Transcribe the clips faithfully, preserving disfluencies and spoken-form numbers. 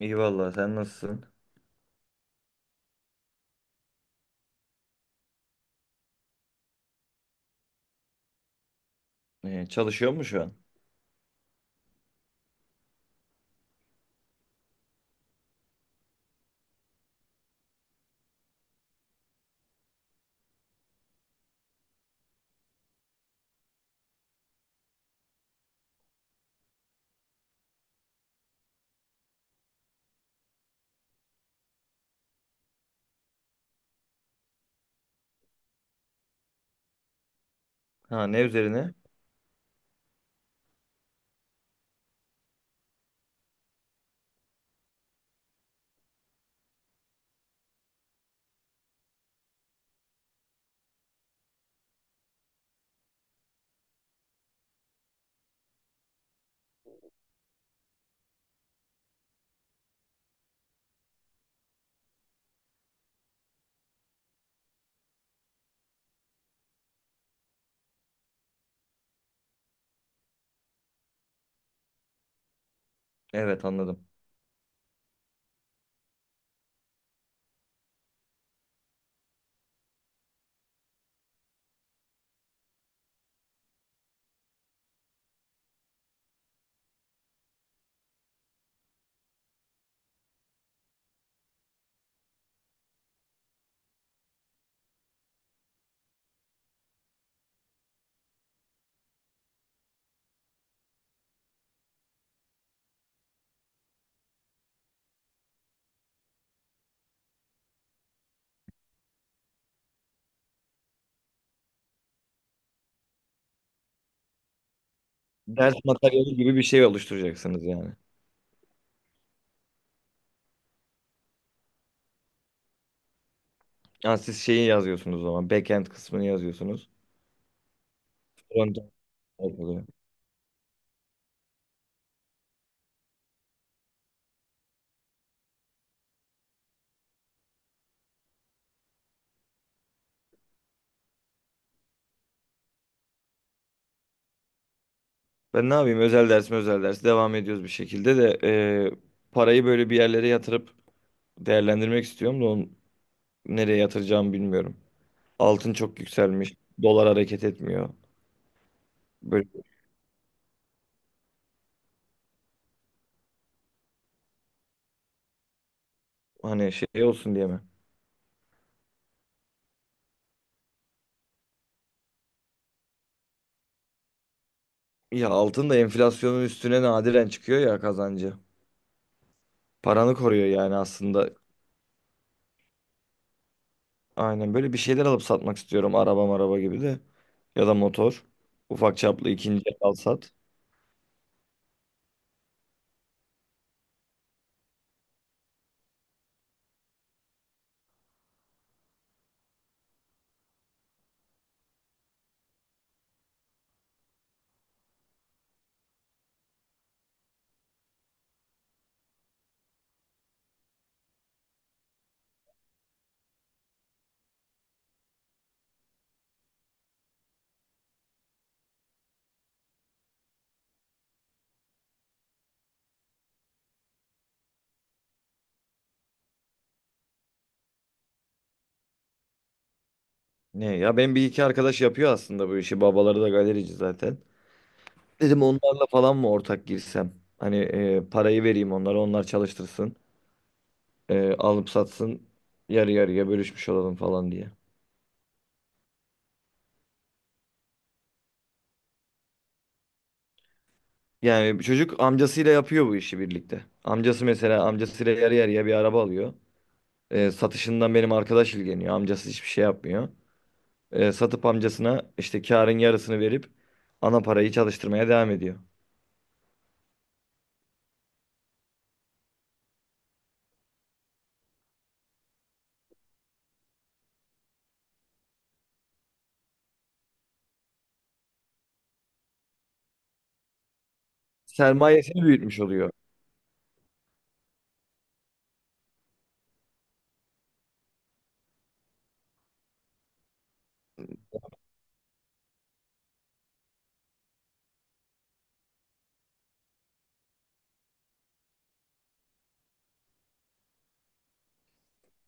İyi vallahi sen nasılsın? Ee, çalışıyor mu şu an? Ha ne üzerine? Evet anladım. Ders materyali gibi bir şey oluşturacaksınız yani. Ha, siz şeyi yazıyorsunuz o zaman. Backend kısmını yazıyorsunuz. Frontend oluyor. Ben ne yapayım? Özel ders mi özel ders? Devam ediyoruz bir şekilde de e, parayı böyle bir yerlere yatırıp değerlendirmek istiyorum da onu nereye yatıracağımı bilmiyorum. Altın çok yükselmiş. Dolar hareket etmiyor. Böyle hani şey olsun diye mi? Ya altın da enflasyonun üstüne nadiren çıkıyor ya kazancı. Paranı koruyor yani aslında. Aynen böyle bir şeyler alıp satmak istiyorum. Araba maraba gibi de. Ya da motor. Ufak çaplı ikinci el al sat. Ne ya ben bir iki arkadaş yapıyor aslında bu işi. Babaları da galerici zaten. Dedim onlarla falan mı ortak girsem? Hani e, parayı vereyim onlara onlar çalıştırsın. E, alıp satsın. Yarı yarıya bölüşmüş olalım falan diye. Yani çocuk amcasıyla yapıyor bu işi birlikte. Amcası mesela amcasıyla yarı yarıya bir araba alıyor. E, satışından benim arkadaş ilgileniyor. Amcası hiçbir şey yapmıyor. E, satıp amcasına işte karın yarısını verip ana parayı çalıştırmaya devam ediyor. Sermayesini büyütmüş oluyor.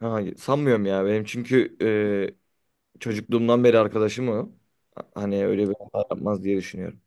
Ha, sanmıyorum ya benim çünkü e, çocukluğumdan beri arkadaşım o. Hani öyle bir hata yapmaz diye düşünüyorum.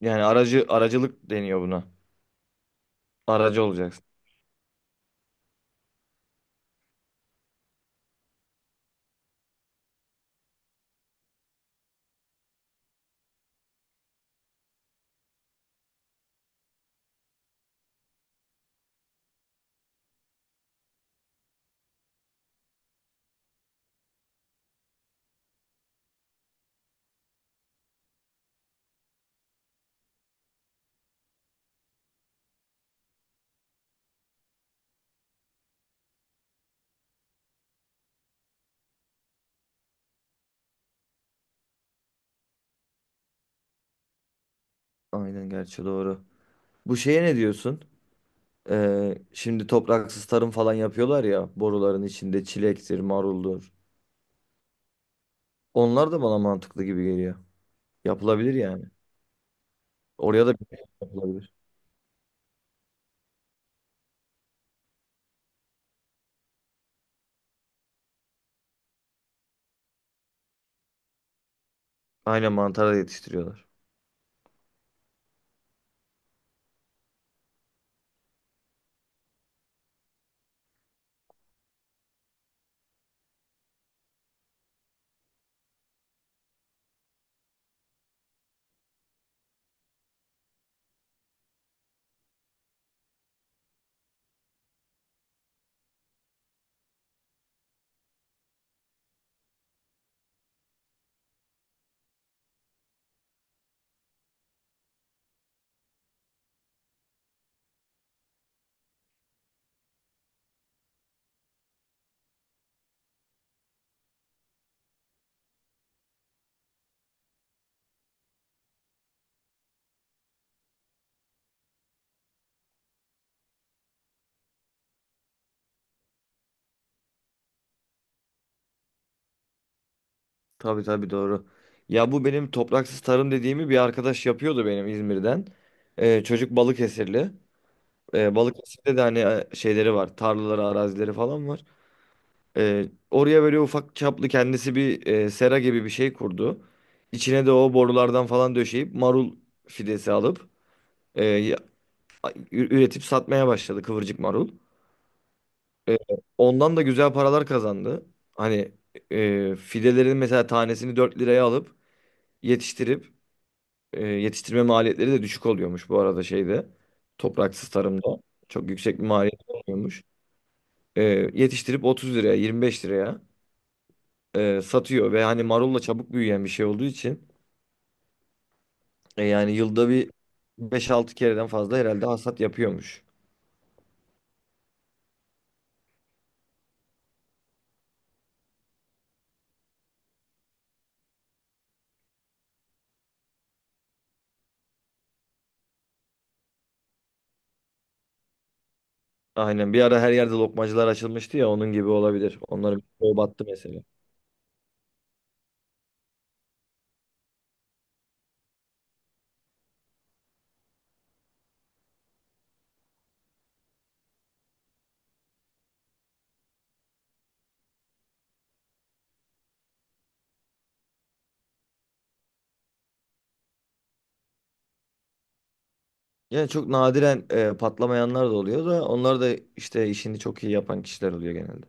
Yani aracı aracılık deniyor buna. Aracı olacaksın. Aynen gerçi doğru. Bu şeye ne diyorsun? Ee, şimdi topraksız tarım falan yapıyorlar ya boruların içinde çilektir, maruldur. Onlar da bana mantıklı gibi geliyor. Yapılabilir yani. Oraya da bir şey yapılabilir. Aynen mantara yetiştiriyorlar. Tabii tabii doğru. Ya bu benim topraksız tarım dediğimi bir arkadaş yapıyordu benim İzmir'den. Ee, çocuk Balıkesirli. Ee, Balıkesir'de de hani e, şeyleri var. Tarlaları, arazileri falan var. Ee, Oraya böyle ufak çaplı kendisi bir e, sera gibi bir şey kurdu. İçine de o borulardan falan döşeyip marul fidesi alıp e, ya- üretip satmaya başladı kıvırcık marul. E, Ondan da güzel paralar kazandı. Hani e, fidelerin mesela tanesini dört liraya alıp yetiştirip e, yetiştirme maliyetleri de düşük oluyormuş bu arada şeyde. Topraksız tarımda çok yüksek bir maliyet olmuyormuş. E, Yetiştirip otuz liraya yirmi beş liraya e, satıyor ve hani marulla çabuk büyüyen bir şey olduğu için e, yani yılda bir beş altı kereden fazla herhalde hasat yapıyormuş. Aynen bir ara her yerde lokmacılar açılmıştı ya onun gibi olabilir. Onların çoğu battı mesela. Yani çok nadiren e, patlamayanlar da oluyor da onlar da işte işini çok iyi yapan kişiler oluyor genelde.